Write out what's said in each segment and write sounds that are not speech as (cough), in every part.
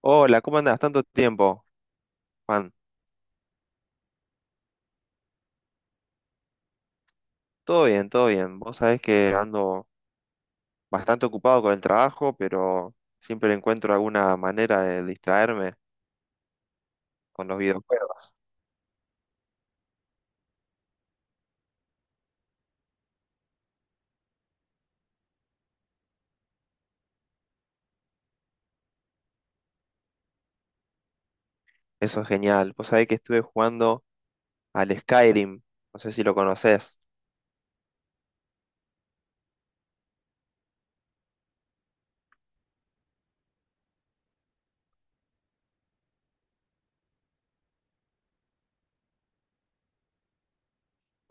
Hola, ¿cómo andás? Tanto tiempo, Juan. Todo bien, todo bien. Vos sabés que ando bastante ocupado con el trabajo, pero siempre encuentro alguna manera de distraerme con los videojuegos. Eso es genial. Vos sabés que estuve jugando al Skyrim. No sé si lo conocés.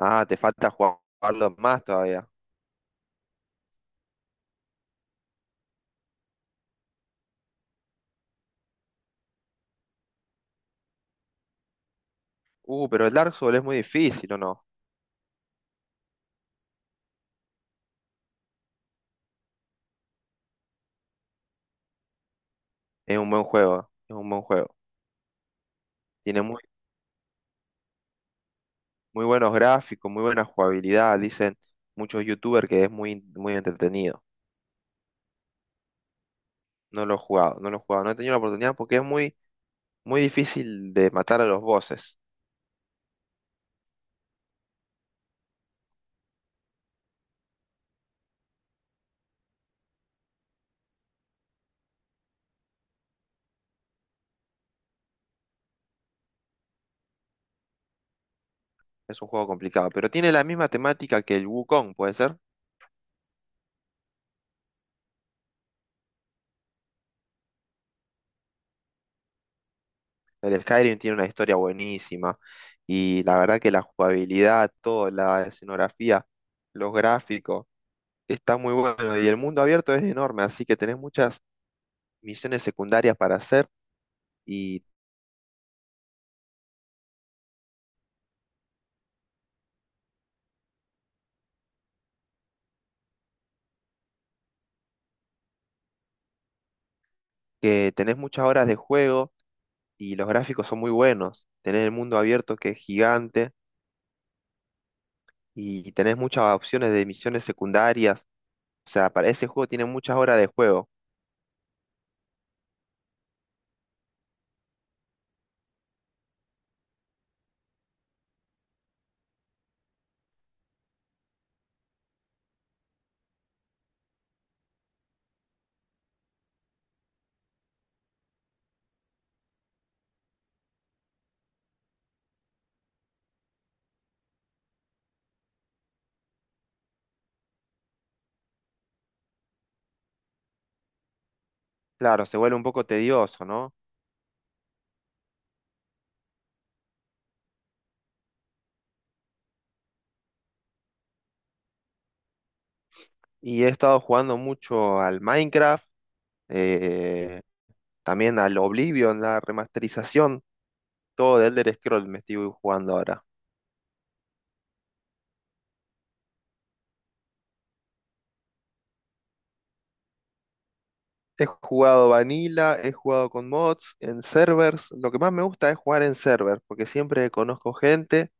Ah, te falta jugarlo más todavía. Pero el Dark Souls es muy difícil, ¿o no? Es un buen juego, es un buen juego. Tiene muy, muy buenos gráficos, muy buena jugabilidad. Dicen muchos youtubers que es muy, muy entretenido. No lo he jugado, no lo he jugado, no he tenido la oportunidad porque es muy, muy difícil de matar a los bosses. Es un juego complicado, pero tiene la misma temática que el Wukong, ¿puede ser? El Skyrim tiene una historia buenísima y la verdad que la jugabilidad, toda la escenografía, los gráficos, está muy bueno y el mundo abierto es enorme, así que tenés muchas misiones secundarias para hacer y que tenés muchas horas de juego y los gráficos son muy buenos. Tenés el mundo abierto que es gigante y tenés muchas opciones de misiones secundarias. O sea, para ese juego tiene muchas horas de juego. Claro, se vuelve un poco tedioso, ¿no? Y he estado jugando mucho al Minecraft, eh, también al Oblivion, la remasterización, todo de Elder Scrolls me estoy jugando ahora. He jugado Vanilla, he jugado con mods, en servers. Lo que más me gusta es jugar en servers, porque siempre conozco gente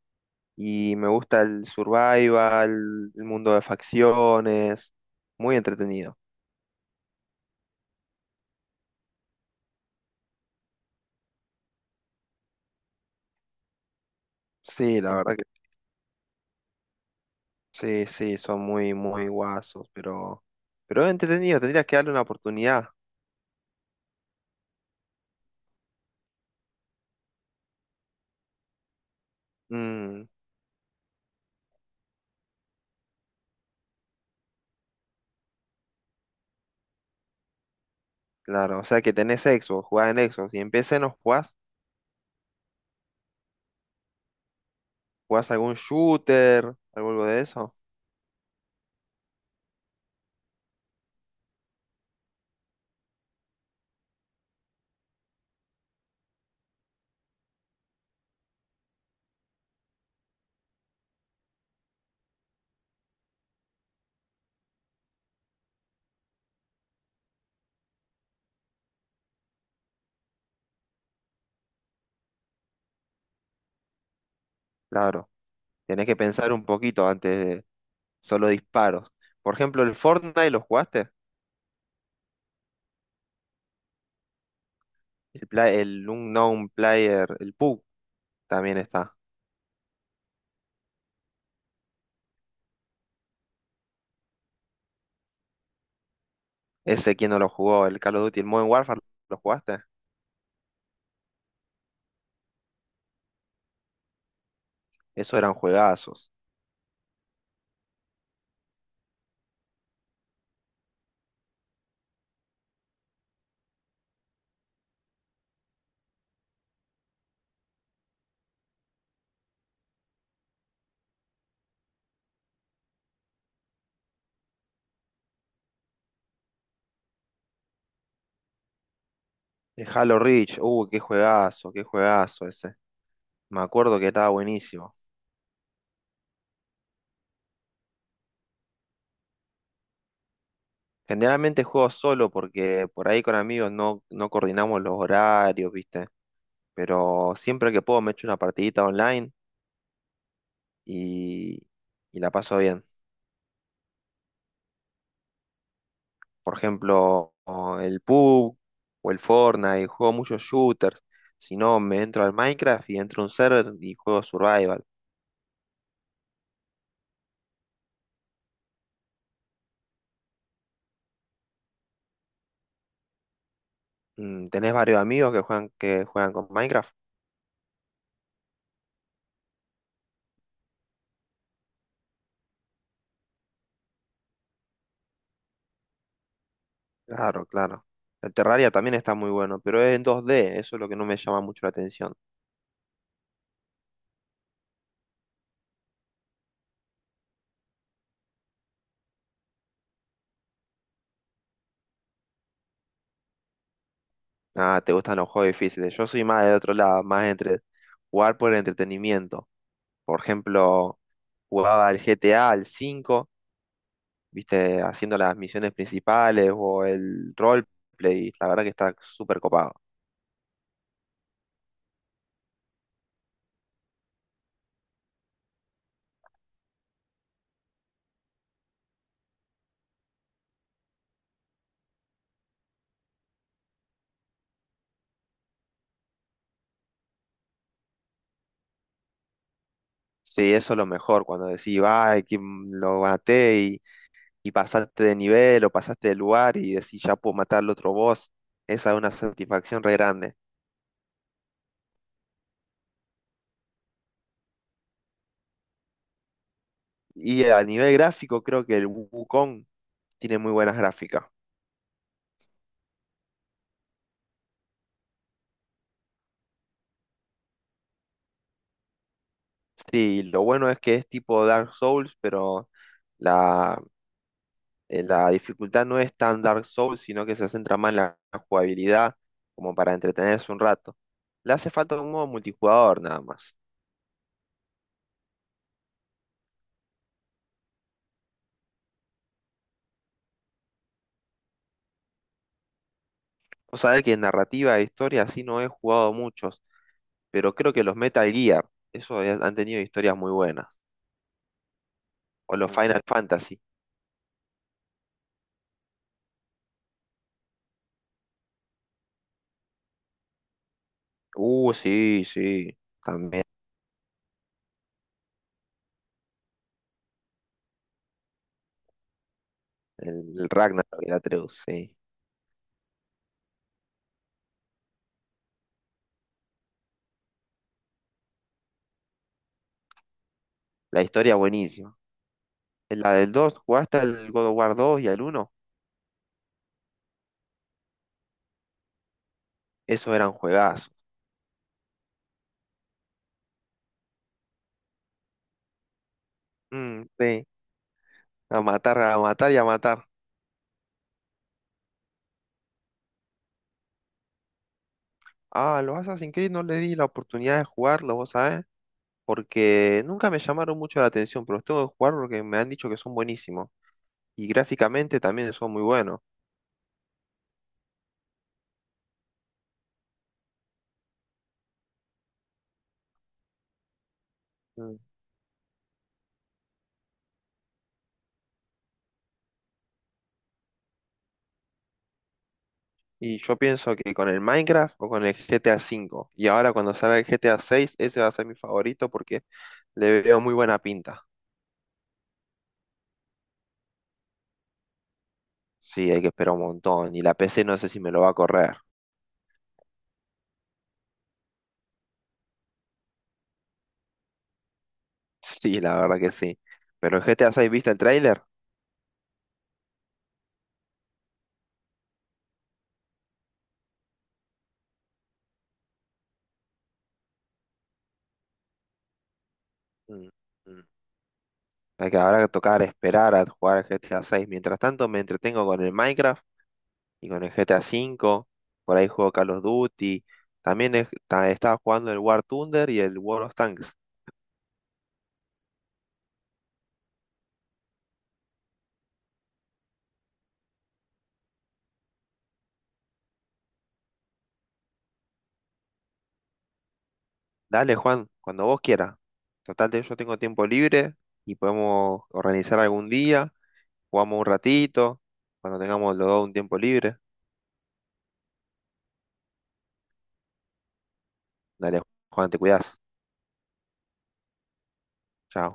y me gusta el survival, el mundo de facciones, muy entretenido. Sí, la verdad que sí, sí, son muy, muy guasos, pero es entretenido, tendrías que darle una oportunidad. Mm, claro, o sea que tenés Xbox, jugás en Xbox y en PC no jugás, jugás algún shooter, algo de eso. Claro, tenés que pensar un poquito antes de solo disparos. Por ejemplo, el Fortnite, ¿lo jugaste? El, el Unknown Player, el PUBG también está. Ese, ¿quién no lo jugó? El Call of Duty, el Modern Warfare, ¿lo jugaste? Eso eran juegazos. De Halo Reach, qué juegazo ese. Me acuerdo que estaba buenísimo. Generalmente juego solo porque por ahí con amigos no coordinamos los horarios, ¿viste? Pero siempre que puedo me echo una partidita online y, y la paso bien. Por ejemplo, o el PUBG o el Fortnite, juego muchos shooters. Si no, me entro al Minecraft y entro a un server y juego Survival. ¿Tenés varios amigos que juegan con Minecraft? Claro, claro. El Terraria también está muy bueno, pero es en dos d, eso es lo que no me llama mucho la atención. Ah, te gustan los juegos difíciles. Yo soy más de otro lado, más entre jugar por el entretenimiento. Por ejemplo, jugaba al GTA, al 5, viste, haciendo las misiones principales o el roleplay. La verdad que está súper copado. Sí, eso es lo mejor, cuando decís, ay, lo maté y pasaste de nivel o pasaste de lugar y decís, ya puedo matar al otro boss. Esa es una satisfacción re grande. Y a nivel gráfico, creo que el Wukong tiene muy buenas gráficas. Sí, lo bueno es que es tipo Dark Souls, pero la, la dificultad no es tan Dark Souls, sino que se centra más en la jugabilidad, como para entretenerse un rato. Le hace falta un modo multijugador nada más. Vos sabés que en narrativa e historia así no he jugado muchos, pero creo que los Metal Gear, han tenido historias muy buenas. O los Final Fantasy. Sí, sí, también. El Ragnarok y el Atreus, sí. La historia buenísima. ¿En la del 2 jugaste al God of War 2 y al uno? Esos eran juegazos. Mm, sí, a matar y a matar. Ah, los Assassin's Creed no le di la oportunidad de jugarlos, vos sabés, porque nunca me llamaron mucho la atención, pero los tengo que jugar porque me han dicho que son buenísimos. Y gráficamente también son muy buenos. Mm. Y yo pienso que con el Minecraft o con el GTA 5. Y ahora cuando salga el GTA 6, ese va a ser mi favorito porque le veo muy buena pinta. Sí, hay que esperar un montón. Y la PC no sé si me lo va a correr. (laughs) Sí, la verdad que sí. Pero el GTA 6, ¿viste el tráiler? Mm, mm. Habrá que tocar esperar a jugar al GTA 6. Mientras tanto me entretengo con el Minecraft y con el GTA 5. Por ahí juego Call of Duty. También estaba jugando el War Thunder y el World of Tanks. Dale, Juan, cuando vos quieras. Total, yo tengo tiempo libre y podemos organizar algún día. Jugamos un ratito, cuando tengamos los dos un tiempo libre. Dale, Juan, te cuidas. Chao.